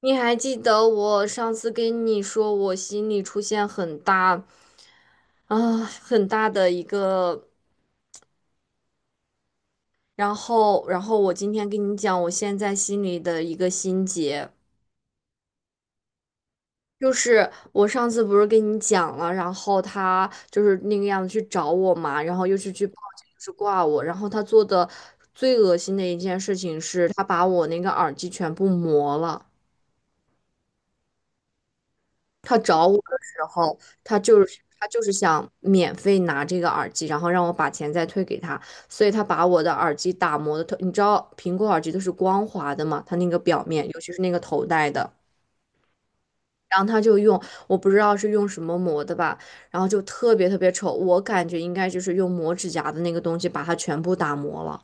你还记得我上次跟你说，我心里出现很大的一个，然后我今天跟你讲，我现在心里的一个心结，就是我上次不是跟你讲了，然后他就是那个样子去找我嘛，然后又是去报警，又是挂我，然后他做的最恶心的一件事情是，他把我那个耳机全部磨了。他找我的时候，他就是想免费拿这个耳机，然后让我把钱再退给他，所以他把我的耳机打磨的特，你知道苹果耳机都是光滑的嘛，它那个表面，尤其是那个头戴的，然后他就用，我不知道是用什么磨的吧，然后就特别特别丑，我感觉应该就是用磨指甲的那个东西把它全部打磨了，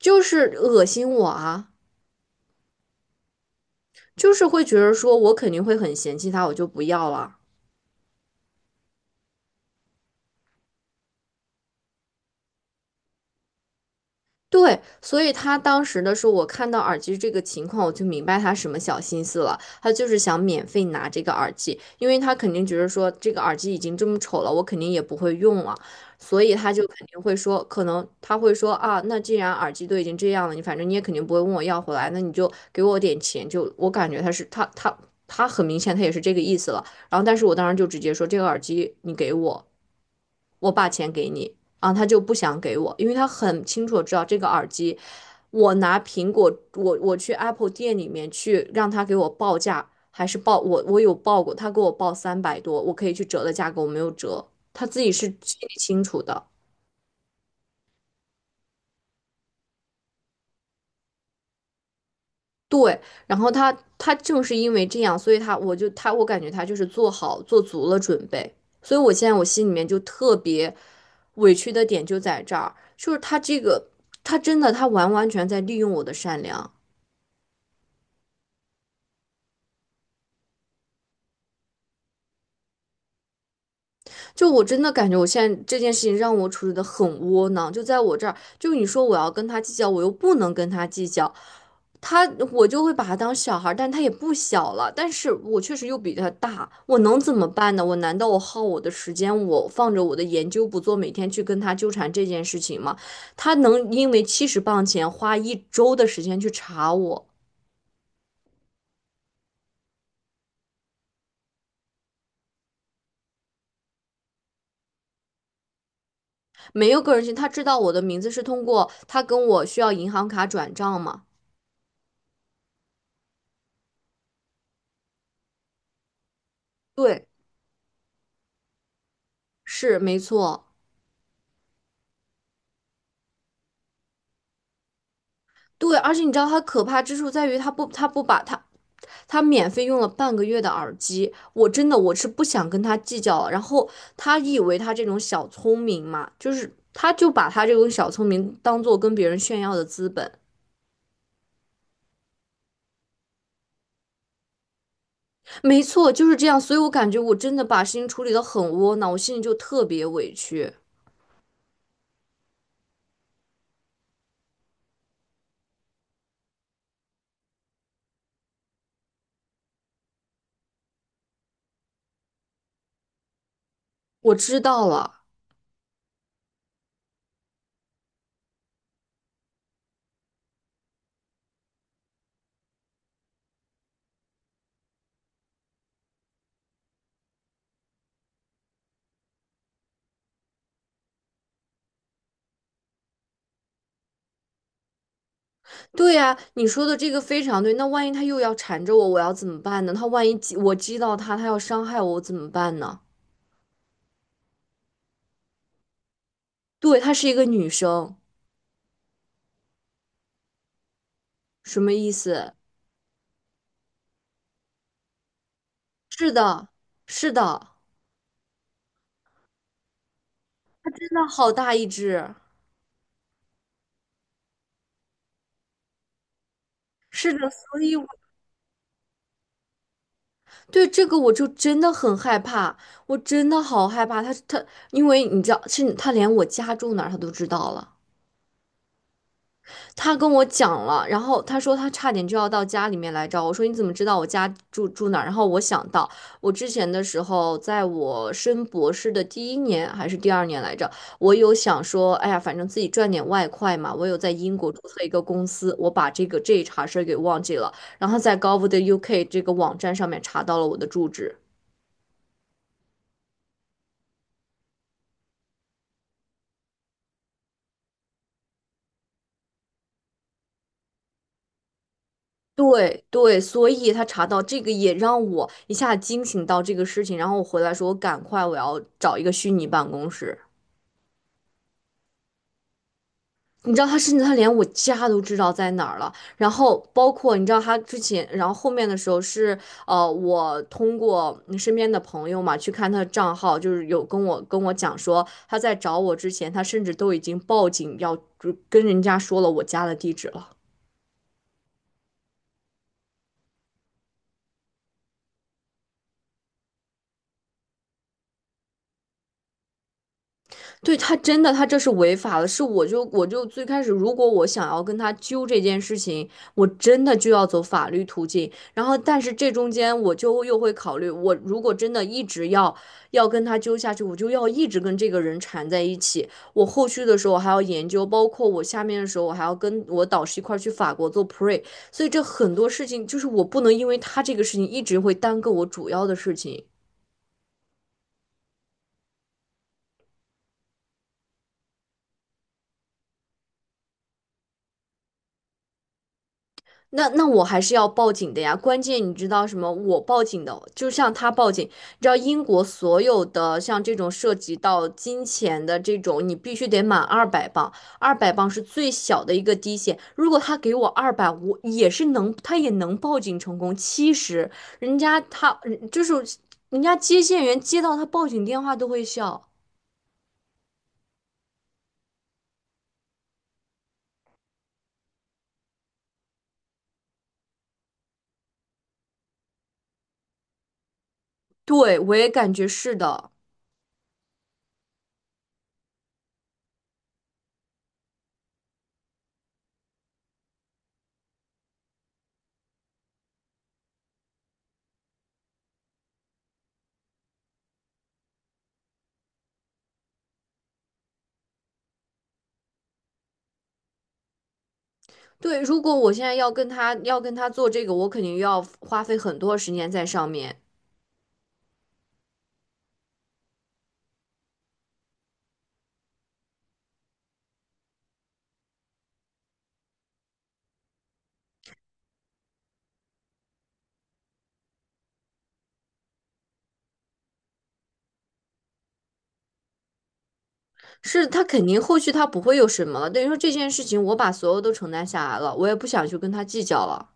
就是恶心我啊，就是会觉得说我肯定会很嫌弃他，我就不要了。对，所以他当时的时候，我看到耳机这个情况，我就明白他什么小心思了。他就是想免费拿这个耳机，因为他肯定觉得说这个耳机已经这么丑了，我肯定也不会用了，所以他就肯定会说，可能他会说啊，那既然耳机都已经这样了，你反正你也肯定不会问我要回来，那你就给我点钱。就我感觉他很明显他也是这个意思了。然后，但是我当时就直接说这个耳机你给我，我把钱给你。啊，他就不想给我，因为他很清楚地知道这个耳机，我拿苹果，我去 Apple 店里面去让他给我报价，还是报我有报过，他给我报300多，我可以去折的价格我没有折，他自己是心里清楚的。对，然后他正是因为这样，所以他我就他我感觉他就是做好做足了准备，所以我现在我心里面就特别委屈的点就在这儿，就是他这个他真的他完完全在利用我的善良。就我真的感觉，我现在这件事情让我处理的很窝囊。就在我这儿，就你说我要跟他计较，我又不能跟他计较，他我就会把他当小孩儿，但他也不小了，但是我确实又比他大，我能怎么办呢？我难道我耗我的时间，我放着我的研究不做，每天去跟他纠缠这件事情吗？他能因为70磅钱花一周的时间去查我，没有个人信，他知道我的名字是通过他跟我需要银行卡转账吗？对，是没错。对，而且你知道他可怕之处在于，他不把他免费用了半个月的耳机，我真的我是不想跟他计较了。然后他以为他这种小聪明嘛，就是他就把他这种小聪明当做跟别人炫耀的资本，没错，就是这样。所以我感觉我真的把事情处理得很窝囊，我心里就特别委屈。我知道了，对呀，你说的这个非常对。那万一他又要缠着我，我要怎么办呢？他万一激我激到他，他要伤害我，我怎么办呢？对，她是一个女生。什么意思？是的，是的，它真的好大一只。是的，所以我对这个我就真的很害怕，我真的好害怕。它它，因为你知道，是它连我家住哪儿它都知道了。他跟我讲了，然后他说他差点就要到家里面来找我。我说你怎么知道我家住哪儿？然后我想到我之前的时候，在我升博士的第一年还是第二年来着，我有想说，哎呀，反正自己赚点外快嘛。我有在英国注册一个公司，我把这个这一茬事儿给忘记了，然后在 gov UK 这个网站上面查到了我的住址。对对，所以他查到这个也让我一下惊醒到这个事情，然后我回来说，我赶快我要找一个虚拟办公室。你知道他甚至他连我家都知道在哪儿了，然后包括你知道他之前，然后后面的时候是我通过身边的朋友嘛去看他的账号，就是有跟我讲说他在找我之前，他甚至都已经报警要就跟人家说了我家的地址了。对他真的，他这是违法的。是我就最开始，如果我想要跟他揪这件事情，我真的就要走法律途径。然后，但是这中间我就又会考虑，我如果真的一直要跟他揪下去，我就要一直跟这个人缠在一起。我后续的时候还要研究，包括我下面的时候，我还要跟我导师一块儿去法国做 pre。所以这很多事情就是我不能因为他这个事情一直会耽搁我主要的事情。那我还是要报警的呀。关键你知道什么？我报警的，就像他报警，你知道英国所有的像这种涉及到金钱的这种，你必须得满二百磅，二百磅是最小的一个低线。如果他给我二百，我也是能，他也能报警成功。七十，人家他嗯就是人家接线员接到他报警电话都会笑。对，我也感觉是的。对，如果我现在要跟他做这个，我肯定要花费很多时间在上面。是他肯定后续他不会有什么了，等于说这件事情我把所有都承担下来了，我也不想去跟他计较了，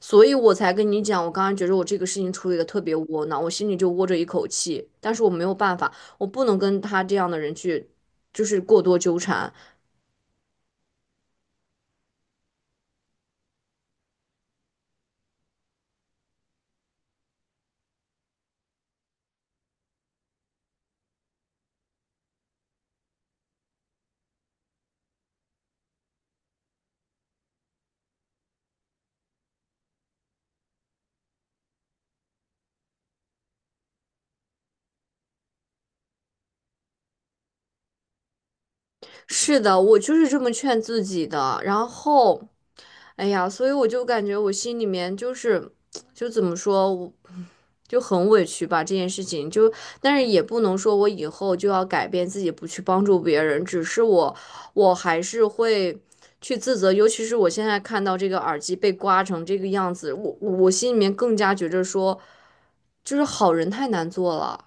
所以我才跟你讲，我刚刚觉得我这个事情处理的特别窝囊，我心里就窝着一口气，但是我没有办法，我不能跟他这样的人去，就是过多纠缠。是的，我就是这么劝自己的，然后。哎呀，所以我就感觉我心里面就是，就怎么说，我就很委屈吧这件事情。就但是也不能说我以后就要改变自己，不去帮助别人。只是我，我还是会去自责。尤其是我现在看到这个耳机被刮成这个样子，我心里面更加觉着说，就是好人太难做了。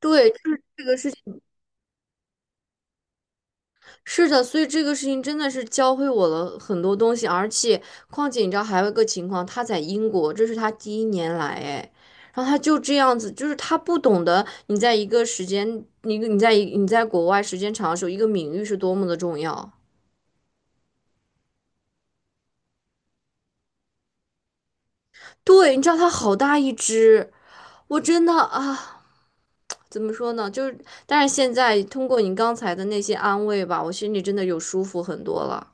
对，就是这个事情。是的，所以这个事情真的是教会我了很多东西，而且况且你知道还有一个情况，他在英国，这是他第一年来，哎，然后他就这样子，就是他不懂得你在一个时间，你在国外时间长的时候，一个名誉是多么的重要。对，你知道他好大一只，我真的啊，怎么说呢？就是，但是现在通过你刚才的那些安慰吧，我心里真的有舒服很多了。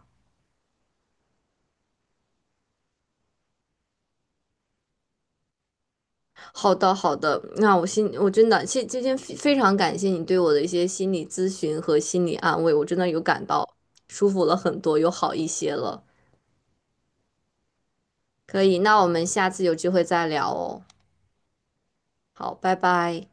好的，好的，那我真的今天非常感谢你对我的一些心理咨询和心理安慰，我真的有感到舒服了很多，有好一些了。可以，那我们下次有机会再聊哦。好，拜拜。